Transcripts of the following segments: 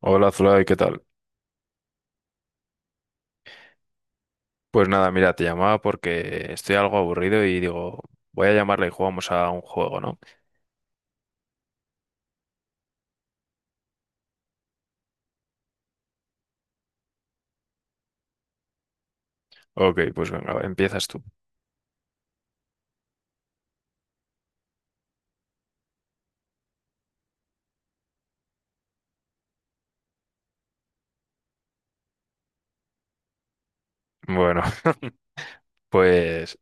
Hola Zulay, ¿qué tal? Pues nada, mira, te llamaba porque estoy algo aburrido y digo, voy a llamarle y jugamos a un juego, ¿no? Ok, pues venga, empiezas tú. Bueno, pues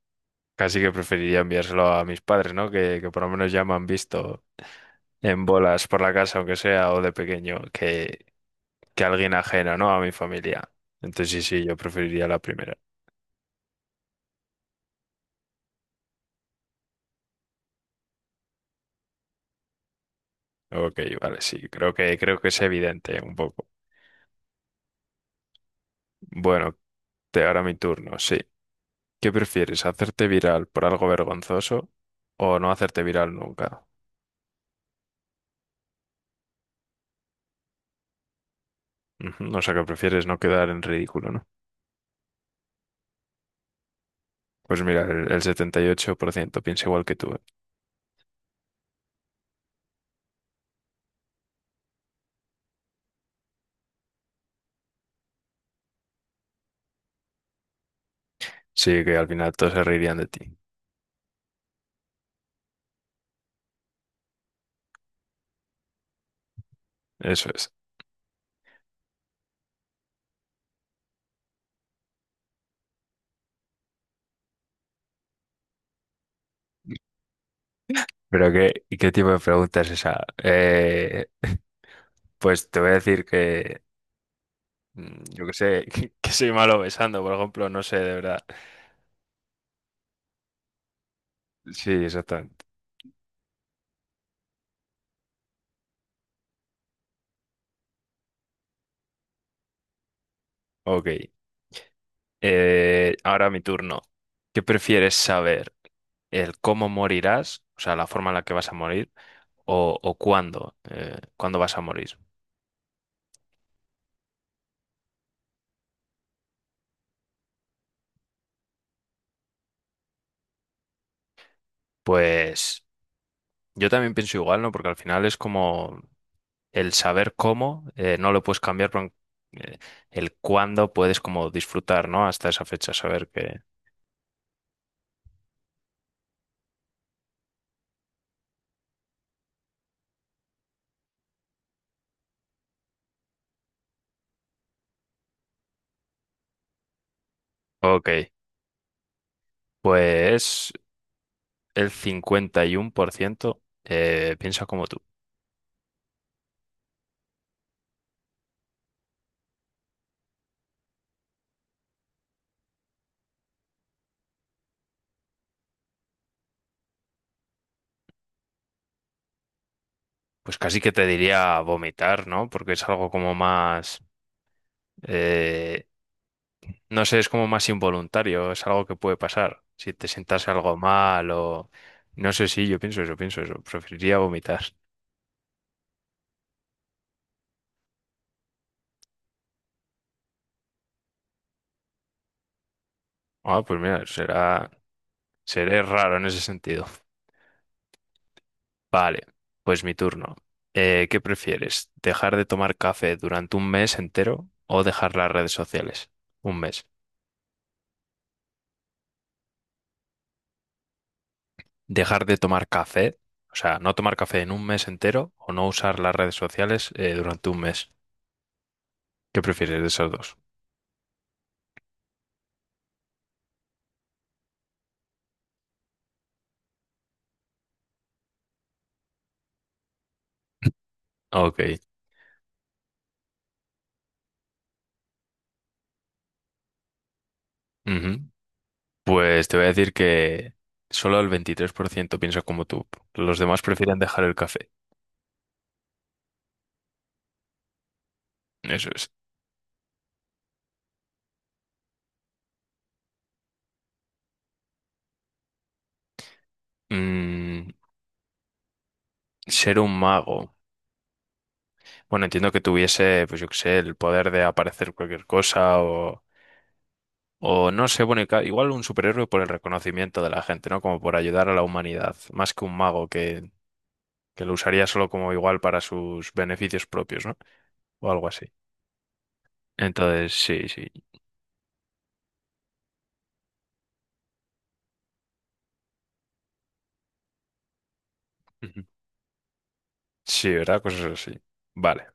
casi que preferiría enviárselo a mis padres, ¿no? Que por lo menos ya me han visto en bolas por la casa, aunque sea, o de pequeño, que alguien ajeno, ¿no? A mi familia. Entonces sí, sí, yo preferiría la primera. Ok, vale, sí, creo que es evidente un poco. Bueno, te ahora mi turno, sí. ¿Qué prefieres? ¿Hacerte viral por algo vergonzoso o no hacerte viral nunca? Ujú, o sea, que prefieres no quedar en ridículo, ¿no? Pues mira, el 78% piensa igual que tú, ¿eh? Sí, que al final todos se reirían de ti. Eso es. Pero qué, ¿y qué tipo de pregunta es esa? Pues te voy a decir que, yo qué sé, que soy malo besando, por ejemplo, no sé, de verdad. Sí, exactamente. Ok. Ahora mi turno. ¿Qué prefieres saber? ¿El cómo morirás? O sea, la forma en la que vas a morir. ¿O cuándo? ¿Cuándo vas a morir? Pues yo también pienso igual, ¿no? Porque al final es como el saber cómo, no lo puedes cambiar, pero eh, el cuándo puedes como disfrutar, ¿no? Hasta esa fecha, saber que. Ok, pues el 51% piensa como tú. Pues casi que te diría vomitar, ¿no? Porque es algo como más, eh, no sé, es como más involuntario, es algo que puede pasar si te sientas algo mal o. No sé si yo pienso eso, pienso eso. Preferiría vomitar. Ah, pues mira, seré raro en ese sentido. Vale, pues mi turno. ¿Qué prefieres? ¿Dejar de tomar café durante un mes entero o dejar las redes sociales? Un mes. Dejar de tomar café, o sea, no tomar café en un mes entero o no usar las redes sociales durante un mes. ¿Qué prefieres de esos dos? Ok. Ujú. Pues te voy a decir que solo el 23% piensa como tú. Los demás prefieren dejar el café. Eso es. Mm, Ser un mago. Bueno, entiendo que tuviese, pues yo qué sé, el poder de aparecer cualquier cosa o no sé, bueno, y igual un superhéroe por el reconocimiento de la gente, ¿no? Como por ayudar a la humanidad, más que un mago que lo usaría solo como igual para sus beneficios propios, ¿no? O algo así. Entonces, sí, sí. Ujú. Sí, ¿verdad? Cosas así. Vale,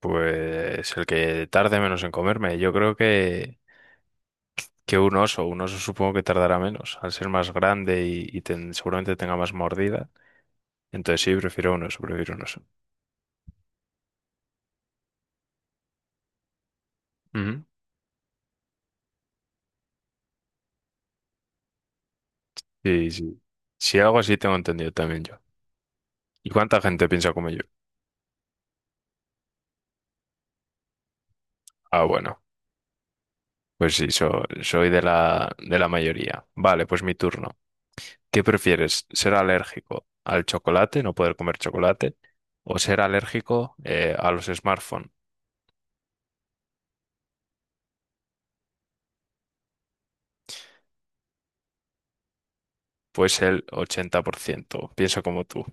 pues el que tarde menos en comerme, yo creo que un oso supongo que tardará menos, al ser más grande y, seguramente tenga más mordida. Entonces sí, prefiero un oso, prefiero un oso. Ujú. Sí, sí. Sí, algo así tengo entendido también yo. ¿Y cuánta gente piensa como yo? Ah, bueno, pues sí, soy de la mayoría. Vale, pues mi turno. ¿Qué prefieres? ¿Ser alérgico al chocolate, no poder comer chocolate, o ser alérgico a los smartphones? Pues el 80% pienso como tú.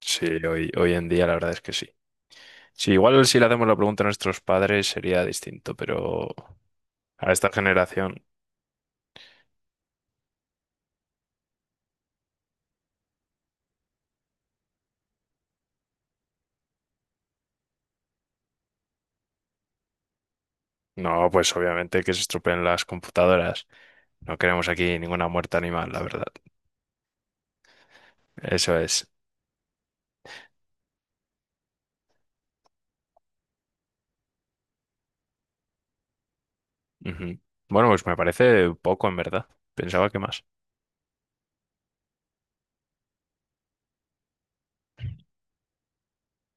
Sí, hoy en día la verdad es que sí. Sí, igual si le hacemos la pregunta a nuestros padres sería distinto, pero a esta generación, no, pues obviamente que se estropeen las computadoras. No queremos aquí ninguna muerte animal, la verdad. Eso es. Ujú. Bueno, pues me parece poco en verdad. Pensaba que más.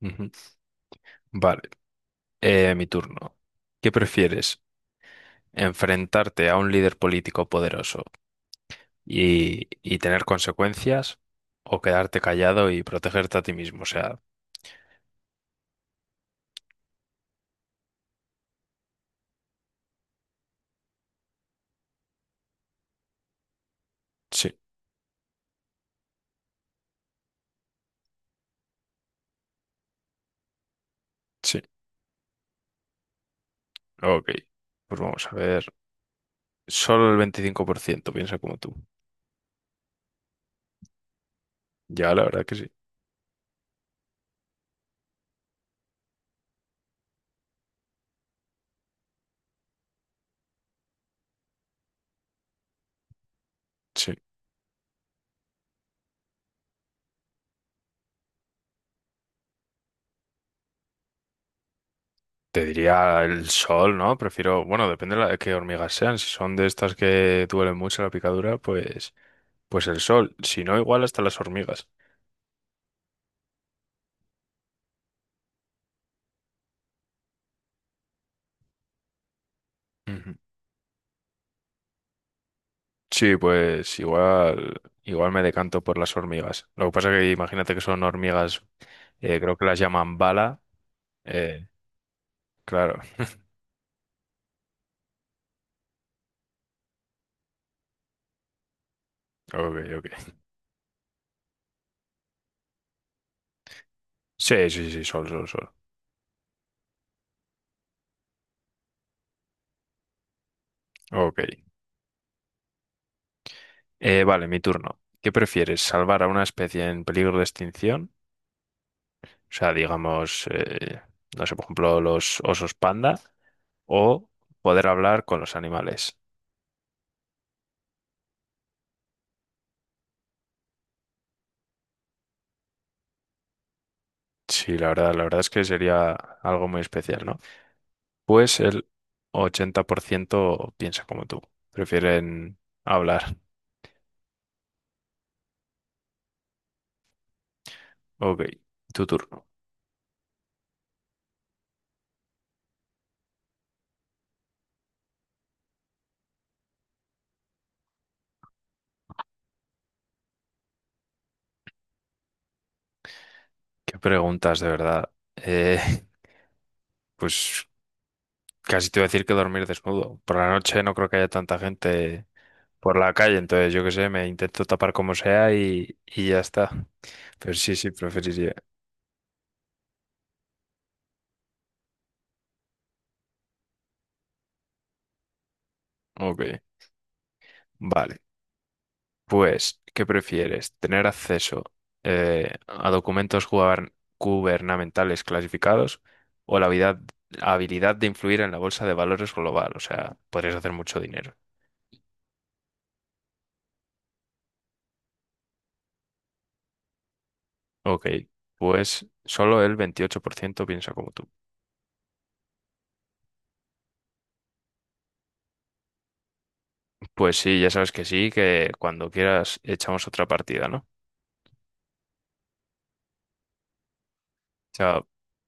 Ujú. Vale. Mi turno. ¿Qué prefieres? ¿Enfrentarte a un líder político poderoso y tener consecuencias o quedarte callado y protegerte a ti mismo? O sea, sí, sí, ok. Pues vamos a ver. Solo el 25% piensa como tú. Ya, la verdad que sí. Sí. Te diría el sol, ¿no? Prefiero, bueno, depende de de qué hormigas sean. Si son de estas que duelen mucho la picadura, pues, el sol. Si no, igual hasta las hormigas. Ujú. Sí, pues igual, igual me decanto por las hormigas. Lo que pasa que imagínate que son hormigas, creo que las llaman bala. eh, claro, ok, ok. Sí, sí, sí, sol, sol, sol. Ok. Vale, mi turno. ¿Qué prefieres? ¿Salvar a una especie en peligro de extinción? O sea, digamos, no sé, por ejemplo, los osos panda, o poder hablar con los animales. Sí, la verdad es que sería algo muy especial, ¿no? Pues el 80% piensa como tú. Prefieren hablar. Ok, tu turno. ¿Qué preguntas de verdad? Eh, pues casi te voy a decir que dormir desnudo. Por la noche no creo que haya tanta gente por la calle, entonces yo qué sé, me intento tapar como sea y ya está. Pero sí, sí, preferiría. Ok, vale. Pues, ¿qué prefieres? ¿Tener acceso a documentos gubernamentales clasificados o habilidad de influir en la bolsa de valores global? O sea, podrías hacer mucho dinero. Ok, pues solo el 28% piensa como tú. Pues sí, ya sabes que sí, que cuando quieras echamos otra partida, ¿no? Chao.